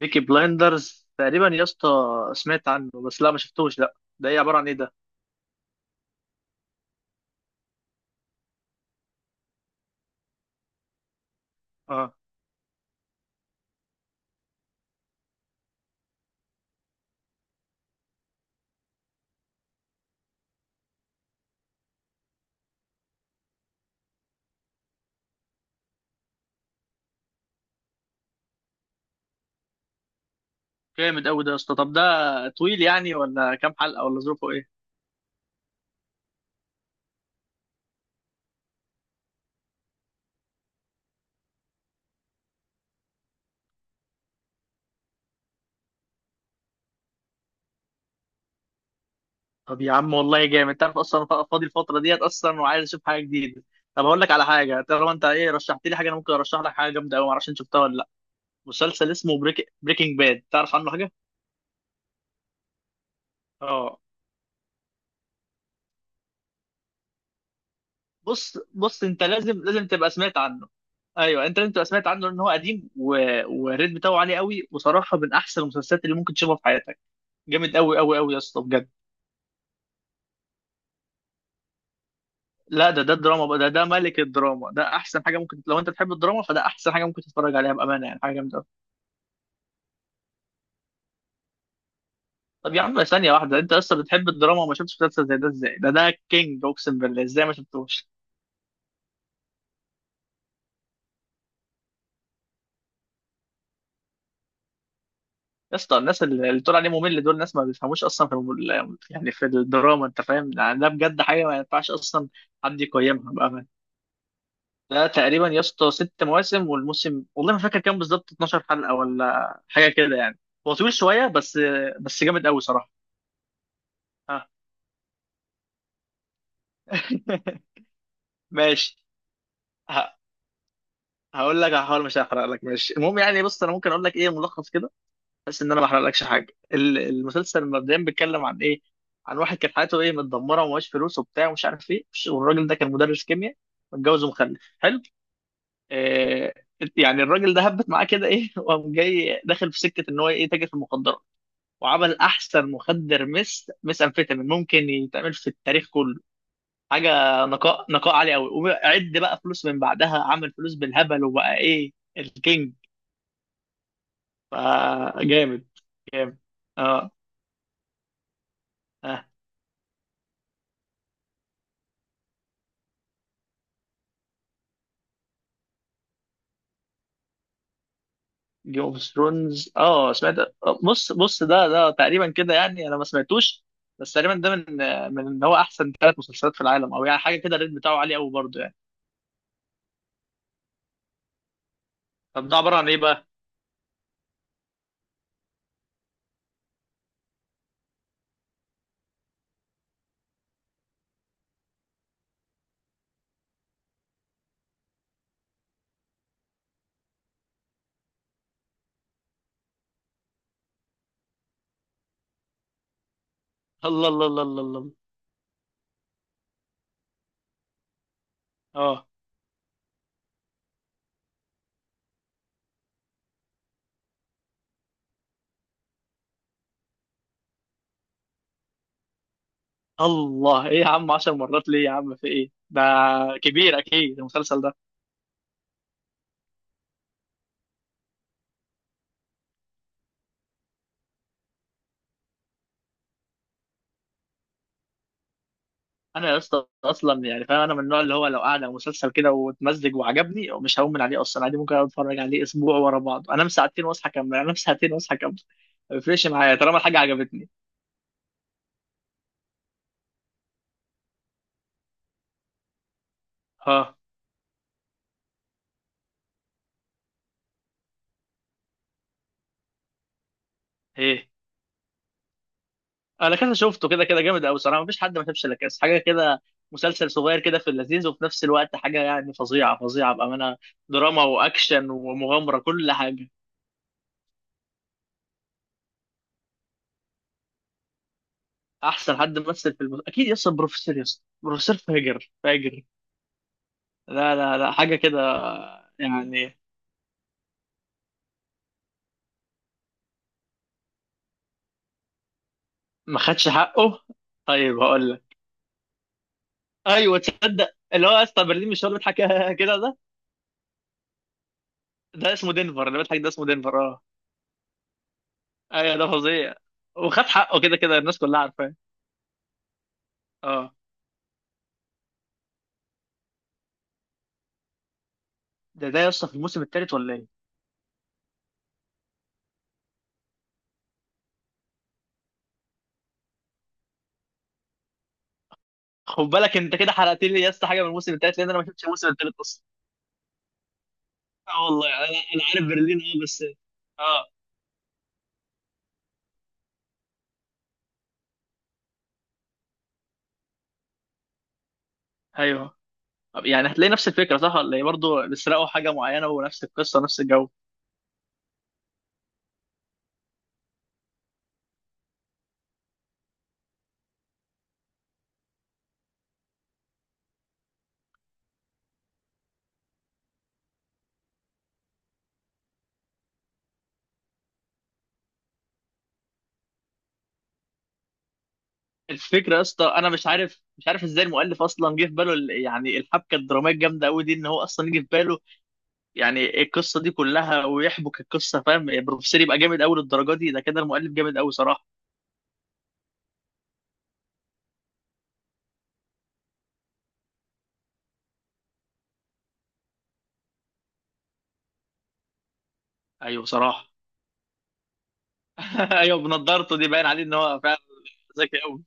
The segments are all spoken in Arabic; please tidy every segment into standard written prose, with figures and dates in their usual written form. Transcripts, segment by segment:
بيكي بلايندرز تقريبا يا اسطى. سمعت عنه بس لا، ما شفتوش. لا ده ايه؟ عبارة عن ايه ده؟ اه جامد قوي ده يا اسطى. طب ده طويل يعني ولا كام حلقة، ولا ظروفه ايه؟ طب يا عم والله جامد. انت عارف اصلا أنا فاضي الفترة ديت اصلا وعايز اشوف حاجة جديدة. طب هقول لك على حاجة، طالما انت ايه رشحت لي حاجة، انا ممكن ارشح لك حاجة جامدة قوي، معرفش انت شفتها ولا لا. مسلسل اسمه بريكنج باد، تعرف عنه حاجة؟ اه. بص انت لازم تبقى سمعت عنه. ايوه انت لازم تبقى سمعت عنه لان هو قديم والريت بتاعه عالي قوي، وصراحه من احسن المسلسلات اللي ممكن تشوفها في حياتك. جامد قوي يا اسطى بجد. لا ده ده الدراما بقى، ده ده ملك الدراما، ده احسن حاجه ممكن، لو انت تحب الدراما فده احسن حاجه ممكن تتفرج عليها بامانه، يعني حاجه جامده قوي. طب يا عم ثانيه واحده، انت اصلا بتحب الدراما وما شفتش مسلسل زي ده؟ ازاي؟ ده ده كينج، اقسم بالله ازاي ما شفتوش. يا اسطى الناس اللي تقول عليه ممل دول ناس ما بيفهموش اصلا في يعني في الدراما، انت فاهم يعني؟ ده بجد حاجه ما ينفعش اصلا حد يقيمها بامانه. ده تقريبا يا اسطى ست مواسم، والموسم والله ما فاكر كام بالظبط، 12 حلقه ولا حاجه كده يعني. هو طويل شويه بس، بس جامد قوي صراحه. ها. ماشي. ه- هقول لك، هحاول مش هحرق لك. ماشي، المهم يعني بص، انا ممكن اقول لك ايه ملخص كده، بس ان انا ما احرقلكش حاجه. المسلسل مبدئيا بيتكلم عن ايه؟ عن واحد كانت حياته ايه، متدمره ومعهوش فلوس وبتاع ومش عارف ايه، والراجل ده كان مدرس كيمياء، متجوز ومخلف حلو. آه. يعني الراجل ده هبت معاه كده ايه، وقام جاي داخل في سكه ان هو ايه، تاجر في المخدرات. وعمل احسن مخدر مس مس امفيتامين ممكن يتعمل في التاريخ كله. حاجه نقاء عالي قوي. وعد بقى فلوس من بعدها، عمل فلوس بالهبل وبقى ايه، الكينج. فجامد. جامد. اه. جيم اوف ثرونز، اه سمعت. بص بص، ده ده تقريبا كده يعني انا ما سمعتوش، بس تقريبا ده من، من ان هو احسن ثلاث مسلسلات في العالم او يعني حاجه كده. الريت بتاعه عالي قوي برضه يعني. طب ده عباره عن ايه بقى؟ الله الله الله الله الله. اه. الله، ايه يا عم 10 مرات ليه يا عم؟ في ايه ده؟ كبير اكيد المسلسل ده. انا يا اسطى اصلا يعني فاهم، انا من النوع اللي هو لو قاعد على مسلسل كده واتمزج وعجبني مش هقوم من عليه اصلا. عادي ممكن أقعد اتفرج عليه اسبوع ورا بعض، انام ساعتين واصحى اكمل، انام ساعتين واصحى اكمل. ما بيفرقش معايا طالما الحاجه عجبتني. ها. ايه. انا كذا شفته، كده كده جامد قوي صراحه، مفيش حد ما شافش لا كاس، حاجه كده. مسلسل صغير كده في اللذيذ، وفي نفس الوقت حاجه يعني فظيعه فظيعه بامانه. دراما واكشن ومغامره، كل حاجه. احسن حد مثل في اكيد يس بروفيسور، يس بروفيسور فاجر فاجر. لا لا لا، حاجه كده يعني ما خدش حقه. طيب هقول لك. ايوه تصدق اللي هو يا اسطى برلين مش هو اللي بيضحك كده ده؟ ده اسمه دنفر، اللي بيضحك ده اسمه دنفر، اه. ايوه ده فظيع، وخد حقه، كده كده الناس كلها عارفاه. اه. ده ده يا اسطى في الموسم الثالث ولا ايه؟ خد بالك انت كده حرقت لي يا اسطى حاجه من الموسم الثالث، لان انا ما شفتش الموسم الثالث اصلا. اه والله. انا انا عارف برلين اه بس. اه. ايوه. طب يعني هتلاقي نفس الفكره صح ولا ايه؟ برضه بيسرقوا حاجه معينه ونفس القصه نفس الجو. الفكره يا اسطى انا مش عارف ازاي المؤلف اصلا جه في باله يعني الحبكه الدراميه الجامده قوي دي، ان هو اصلا يجي في باله يعني القصه دي كلها ويحبك القصه، فاهم؟ البروفيسور يبقى جامد قوي للدرجه دي، ده كده المؤلف جامد قوي صراحه. ايوه صراحه. ايوه بنضارته دي باين عليه ان هو فعلا ذكي قوي.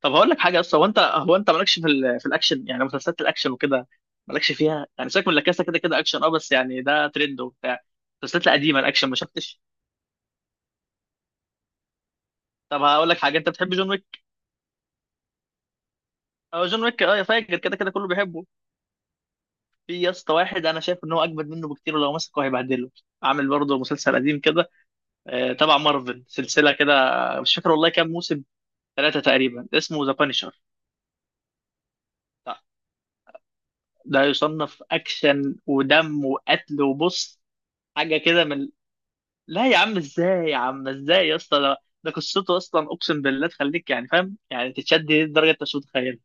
طب هقول لك حاجه، اصلا هو انت، هو انت مالكش في في الاكشن يعني، مسلسلات الاكشن وكده؟ مالكش فيها يعني؟ سيبك من لاكاسا، كده كده اكشن اه بس يعني ده ترند وبتاع. المسلسلات القديمه الاكشن ما شفتش؟ طب هقول لك حاجه، انت بتحب جون ويك؟ اه جون ويك اه، يا فاجر كده كده كله بيحبه. في يا اسطى واحد انا شايف ان هو اجمد منه بكتير، ولو مسكه هيبهدله. عامل برضه مسلسل قديم كده، آه، تبع مارفل، سلسله كده، مش فاكر والله كام موسم، ثلاثه تقريبا، اسمه ذا بانشر. ده يصنف اكشن ودم وقتل وبص، حاجه كده من، لا يا عم ازاي يا عم، ازاي يا اسطى ده؟ ده قصته اصلا اقسم بالله تخليك يعني فاهم يعني، تتشد لدرجه انت مش متخيلها.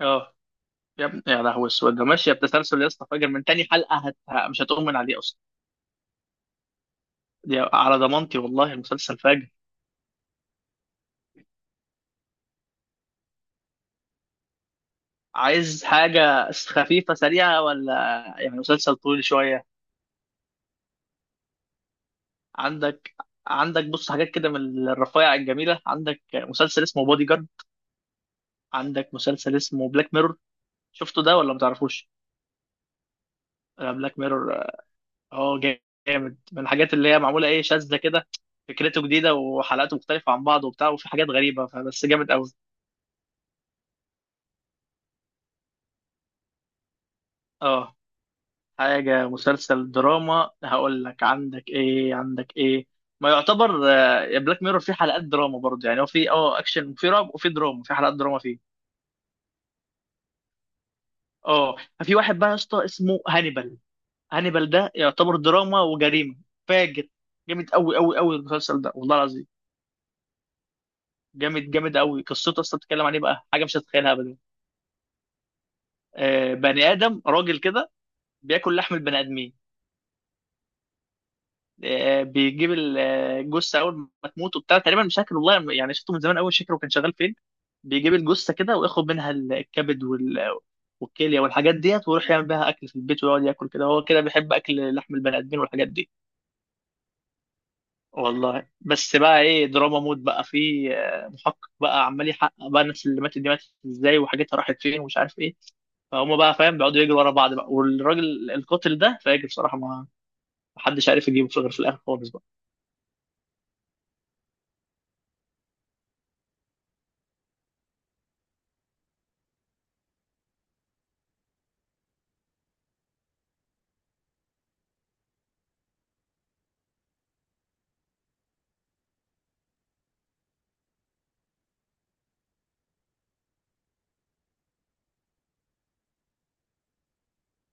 اه. يا ابني يا لهوي اسود ده ماشيه بتسلسل يا اسطى فاجر، من تاني حلقه مش هتؤمن عليه اصلا. دي على ضمانتي، والله المسلسل فاجر. عايز حاجه خفيفه سريعه ولا يعني مسلسل طويل شويه؟ عندك، عندك بص حاجات كده من الرفايع الجميله، عندك مسلسل اسمه بودي جارد، عندك مسلسل اسمه بلاك ميرور، شفته ده ولا متعرفوش؟ بلاك ميرور، اه، جامد، من الحاجات اللي هي معموله ايه، شاذة كده. فكرته جديده، وحلقاته مختلفه عن بعض وبتاع، وفي حاجات غريبه، فبس جامد قوي. اه. حاجه مسلسل دراما هقول لك، عندك ايه، عندك ايه، ما يعتبر آه، بلاك ميرور فيه حلقات دراما برضه، يعني هو فيه اه اكشن وفيه رعب وفيه دراما، في حلقات دراما فيه. اه. في واحد بقى يا اسطى اسمه هانيبال، هانيبال ده يعتبر دراما وجريمه، فاجر، جامد قوي المسلسل ده والله العظيم. جامد، جامد قوي. قصته اصلا بتتكلم عن ايه بقى، حاجه مش هتتخيلها ابدا. آه، بني ادم راجل كده بياكل لحم البني ادمين. آه بيجيب آه، الجثه اول ما تموت وبتاع، تقريبا مش فاكر والله، يعني شفته من زمان قوي، مش فاكر هو كان شغال فين. بيجيب الجثه كده وياخد منها الكبد وال والكليه والحاجات ديت، ويروح يعمل بيها اكل في البيت، ويقعد ياكل كده، هو كده بيحب اكل لحم البني ادمين والحاجات دي. والله بس بقى ايه، دراما مود بقى، في آه، محقق بقى عمال يحقق بقى الناس اللي ماتت دي ماتت ازاي، وحاجتها راحت فين، ومش عارف ايه. فهم بقى فاهم، بيقعدوا يجروا ورا بعض بقى، والراجل القاتل ده فاجر بصراحه، ما محدش عارف يجيبه في غير في الاخر خالص بقى.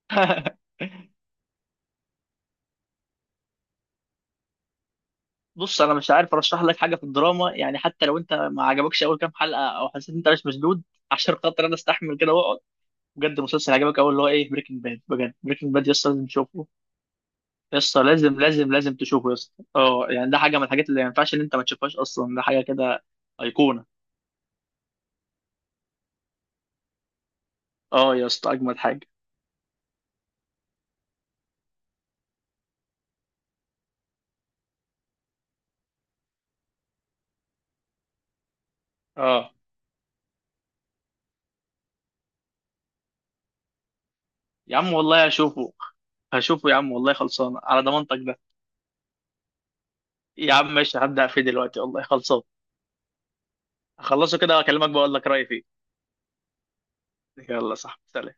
بص انا مش عارف ارشح لك حاجه في الدراما يعني، حتى لو انت ما عجبكش اول كام حلقه او حسيت انت مش مشدود، عشان خاطر انا استحمل كده واقعد. بجد المسلسل عجبك اول اللي هو ايه بريكنج باد، بجد بريكنج باد يس لازم تشوفه. يسطا لازم تشوفه يسطا اه، يعني ده حاجه من الحاجات اللي ما ينفعش ان انت ما تشوفهاش اصلا، ده حاجه كده ايقونه. اه يسطا اجمد حاجه. اه يا عم والله هشوفه، هشوفه يا عم والله خلصان، على ضمانتك ده. يا عم ماشي هبدا فيه دلوقتي والله خلصان. هخلصه كده واكلمك بقول لك رايي فيه. يلا، صح. سلام.